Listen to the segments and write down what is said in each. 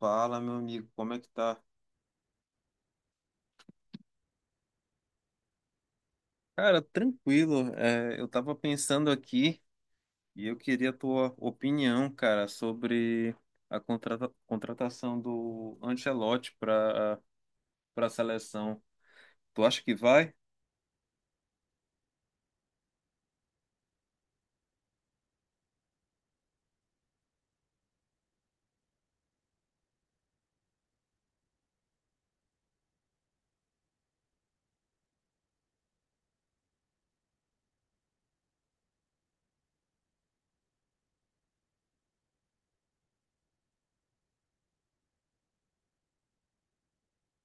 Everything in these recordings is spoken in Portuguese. Fala, meu amigo, como é que tá? Cara, tranquilo. Eu tava pensando aqui e eu queria a tua opinião, cara, sobre a contratação do Ancelotti para para a seleção. Tu acha que vai?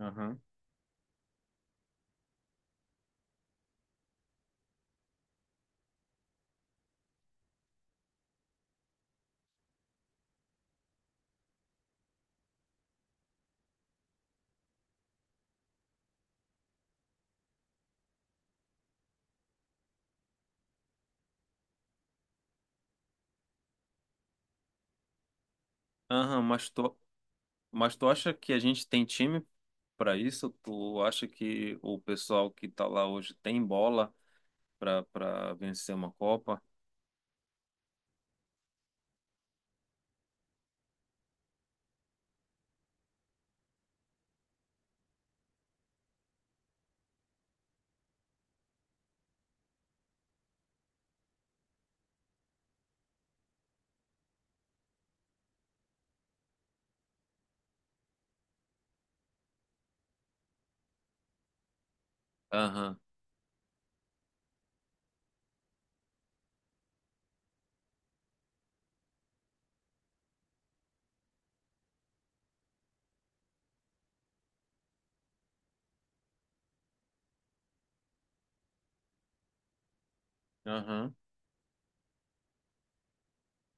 Aham. Aham, mas tu acha que a gente tem time para isso? Tu acha que o pessoal que tá lá hoje tem bola para vencer uma Copa? Aham. Aham.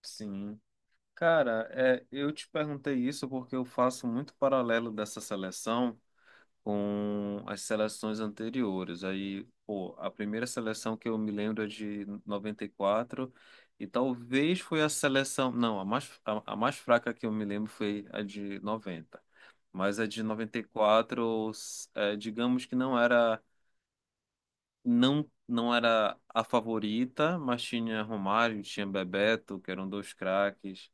Sim. Cara, eu te perguntei isso porque eu faço muito paralelo dessa seleção com as seleções anteriores. Aí, pô, a primeira seleção que eu me lembro é de noventa e quatro, e talvez foi a seleção, não, a mais, a mais fraca que eu me lembro foi a de noventa. Mas a de 94, é, digamos que não era não era a favorita, mas tinha Romário, tinha Bebeto, que eram dois craques,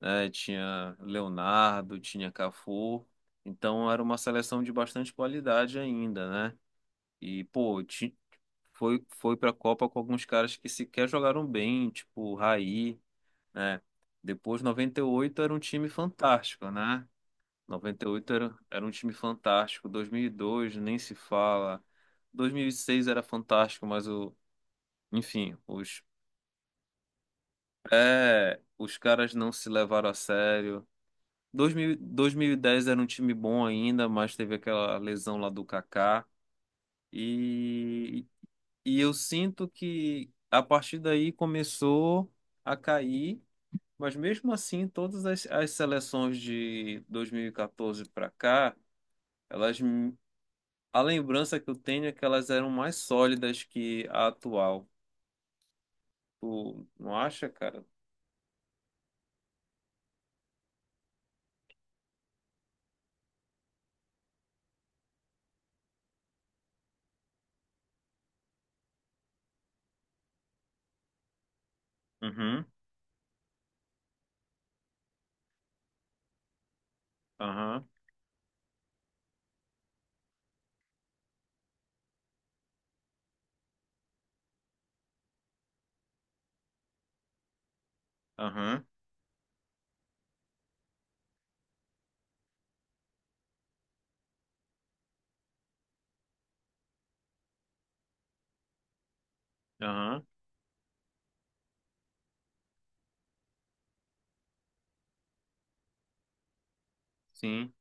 né? Tinha Leonardo, tinha Cafu. Então era uma seleção de bastante qualidade ainda, né? E, pô, foi, foi pra Copa com alguns caras que sequer jogaram bem, tipo Raí, né? Depois, 98 era um time fantástico, né? 98 era um time fantástico. 2002, nem se fala. 2006 era fantástico, mas enfim, os caras não se levaram a sério. 2000, 2010 era um time bom ainda, mas teve aquela lesão lá do Kaká. E, e eu sinto que a partir daí começou a cair, mas mesmo assim, todas as seleções de 2014 para cá, elas, a lembrança que eu tenho é que elas eram mais sólidas que a atual. Tu não acha, cara? Uhum, aham, aham, aham, sim,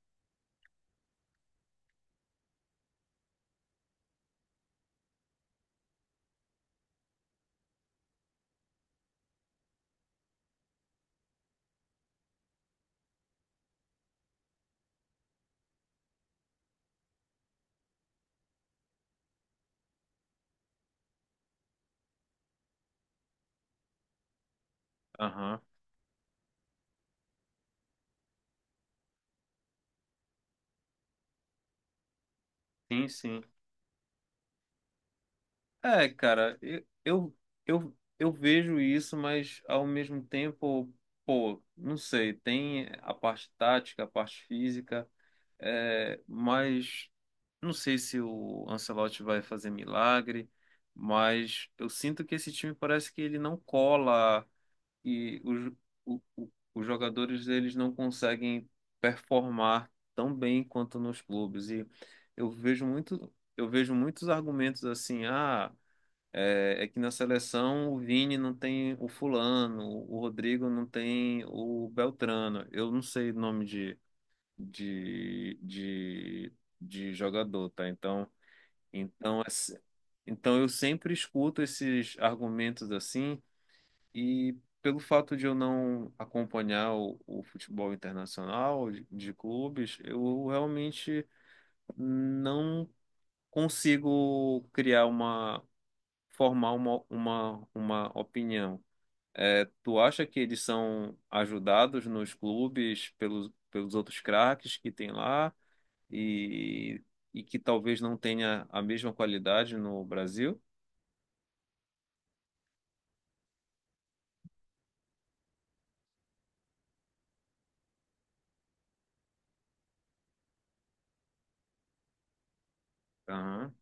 aham, sim, sim. É, cara, eu vejo isso, mas ao mesmo tempo, pô, não sei, tem a parte tática, a parte física, é, mas não sei se o Ancelotti vai fazer milagre, mas eu sinto que esse time parece que ele não cola e os jogadores eles não conseguem performar tão bem quanto nos clubes. E eu vejo muitos argumentos assim, ah. É, é que na seleção o Vini não tem o fulano, o Rodrigo não tem o Beltrano. Eu não sei nome de, de, de jogador, tá? Então, então, é se- então eu sempre escuto esses argumentos assim e pelo fato de eu não acompanhar o futebol internacional de clubes, eu realmente não consigo criar formar uma opinião. É, tu acha que eles são ajudados nos clubes pelos, pelos outros craques que tem lá e, e que talvez não tenha a mesma qualidade no Brasil? Aham,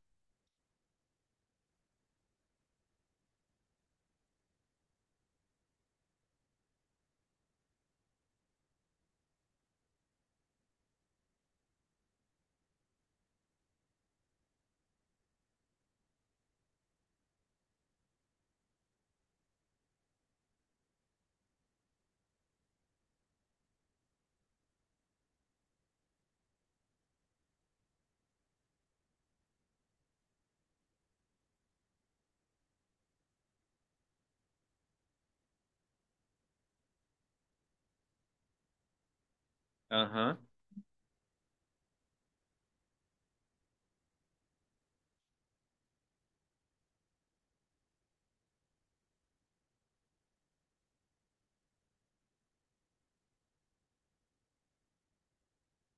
aham,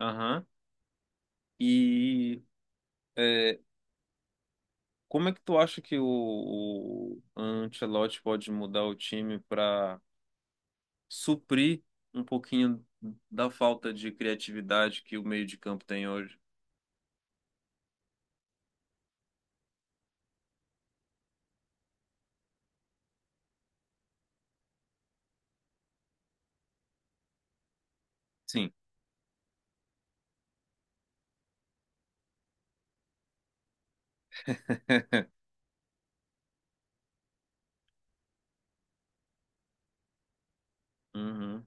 aham. E é, como é que tu acha que o Ancelotti pode mudar o time para suprir um pouquinho da falta de criatividade que o meio de campo tem hoje? Sim. Uhum.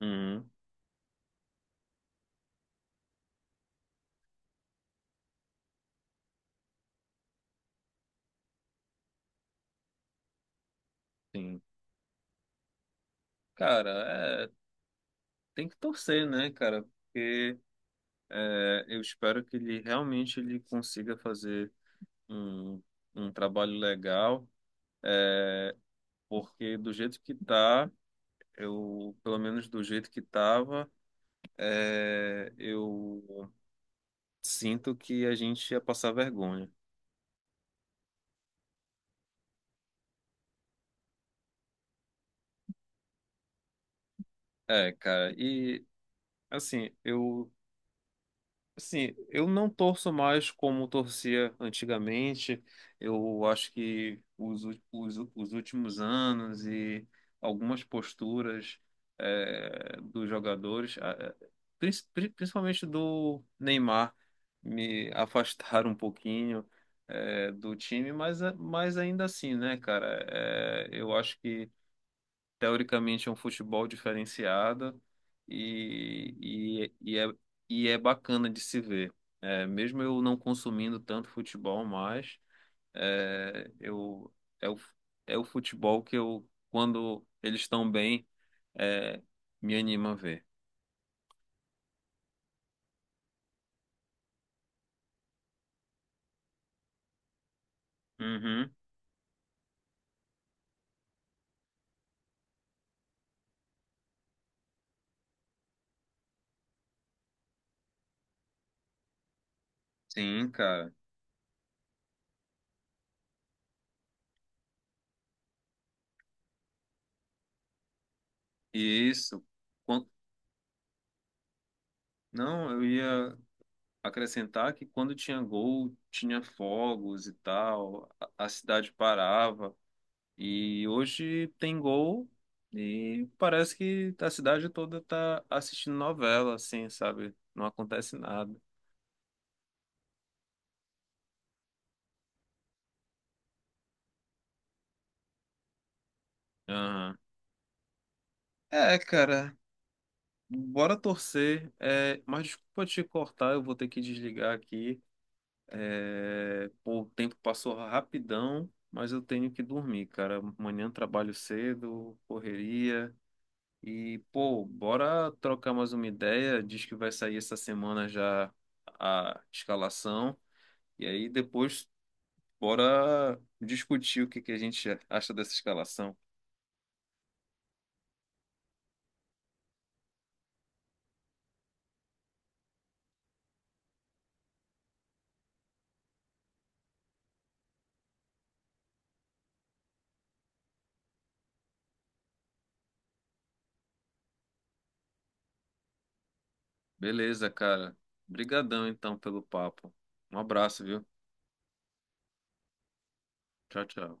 Uhum, sim. Cara, é, tem que torcer, né, cara? Porque é, eu espero que ele realmente ele consiga fazer um, um trabalho legal, porque do jeito que tá, eu, pelo menos do jeito que tava, é, eu sinto que a gente ia passar vergonha. É, cara, assim, eu assim, eu não torço mais como torcia antigamente. Eu acho que os últimos anos e algumas posturas eh, dos jogadores, ah, eh, principalmente do Neymar, me afastaram um pouquinho eh, do time, mas, mas ainda assim, né, cara? Eh, eu acho que teoricamente é um futebol diferenciado e, e, e, é, e é bacana de se ver. É, mesmo eu não consumindo tanto futebol mais, é, eu, é, o, é o futebol que eu, quando eles estão bem, é, me anima a ver. Uhum, sim, cara. E isso. Quan- Não, eu ia acrescentar que quando tinha gol, tinha fogos e tal, a cidade parava. E hoje tem gol e parece que a cidade toda tá assistindo novela, assim, sabe? Não acontece nada. Aham. É, cara, bora torcer. É, mas desculpa te cortar, eu vou ter que desligar aqui. É, pô, o tempo passou rapidão, mas eu tenho que dormir, cara. Amanhã trabalho cedo, correria. E, pô, bora trocar mais uma ideia. Diz que vai sair essa semana já a escalação. E aí depois, bora discutir o que que a gente acha dessa escalação. Beleza, cara. Obrigadão então pelo papo. Um abraço, viu? Tchau, tchau.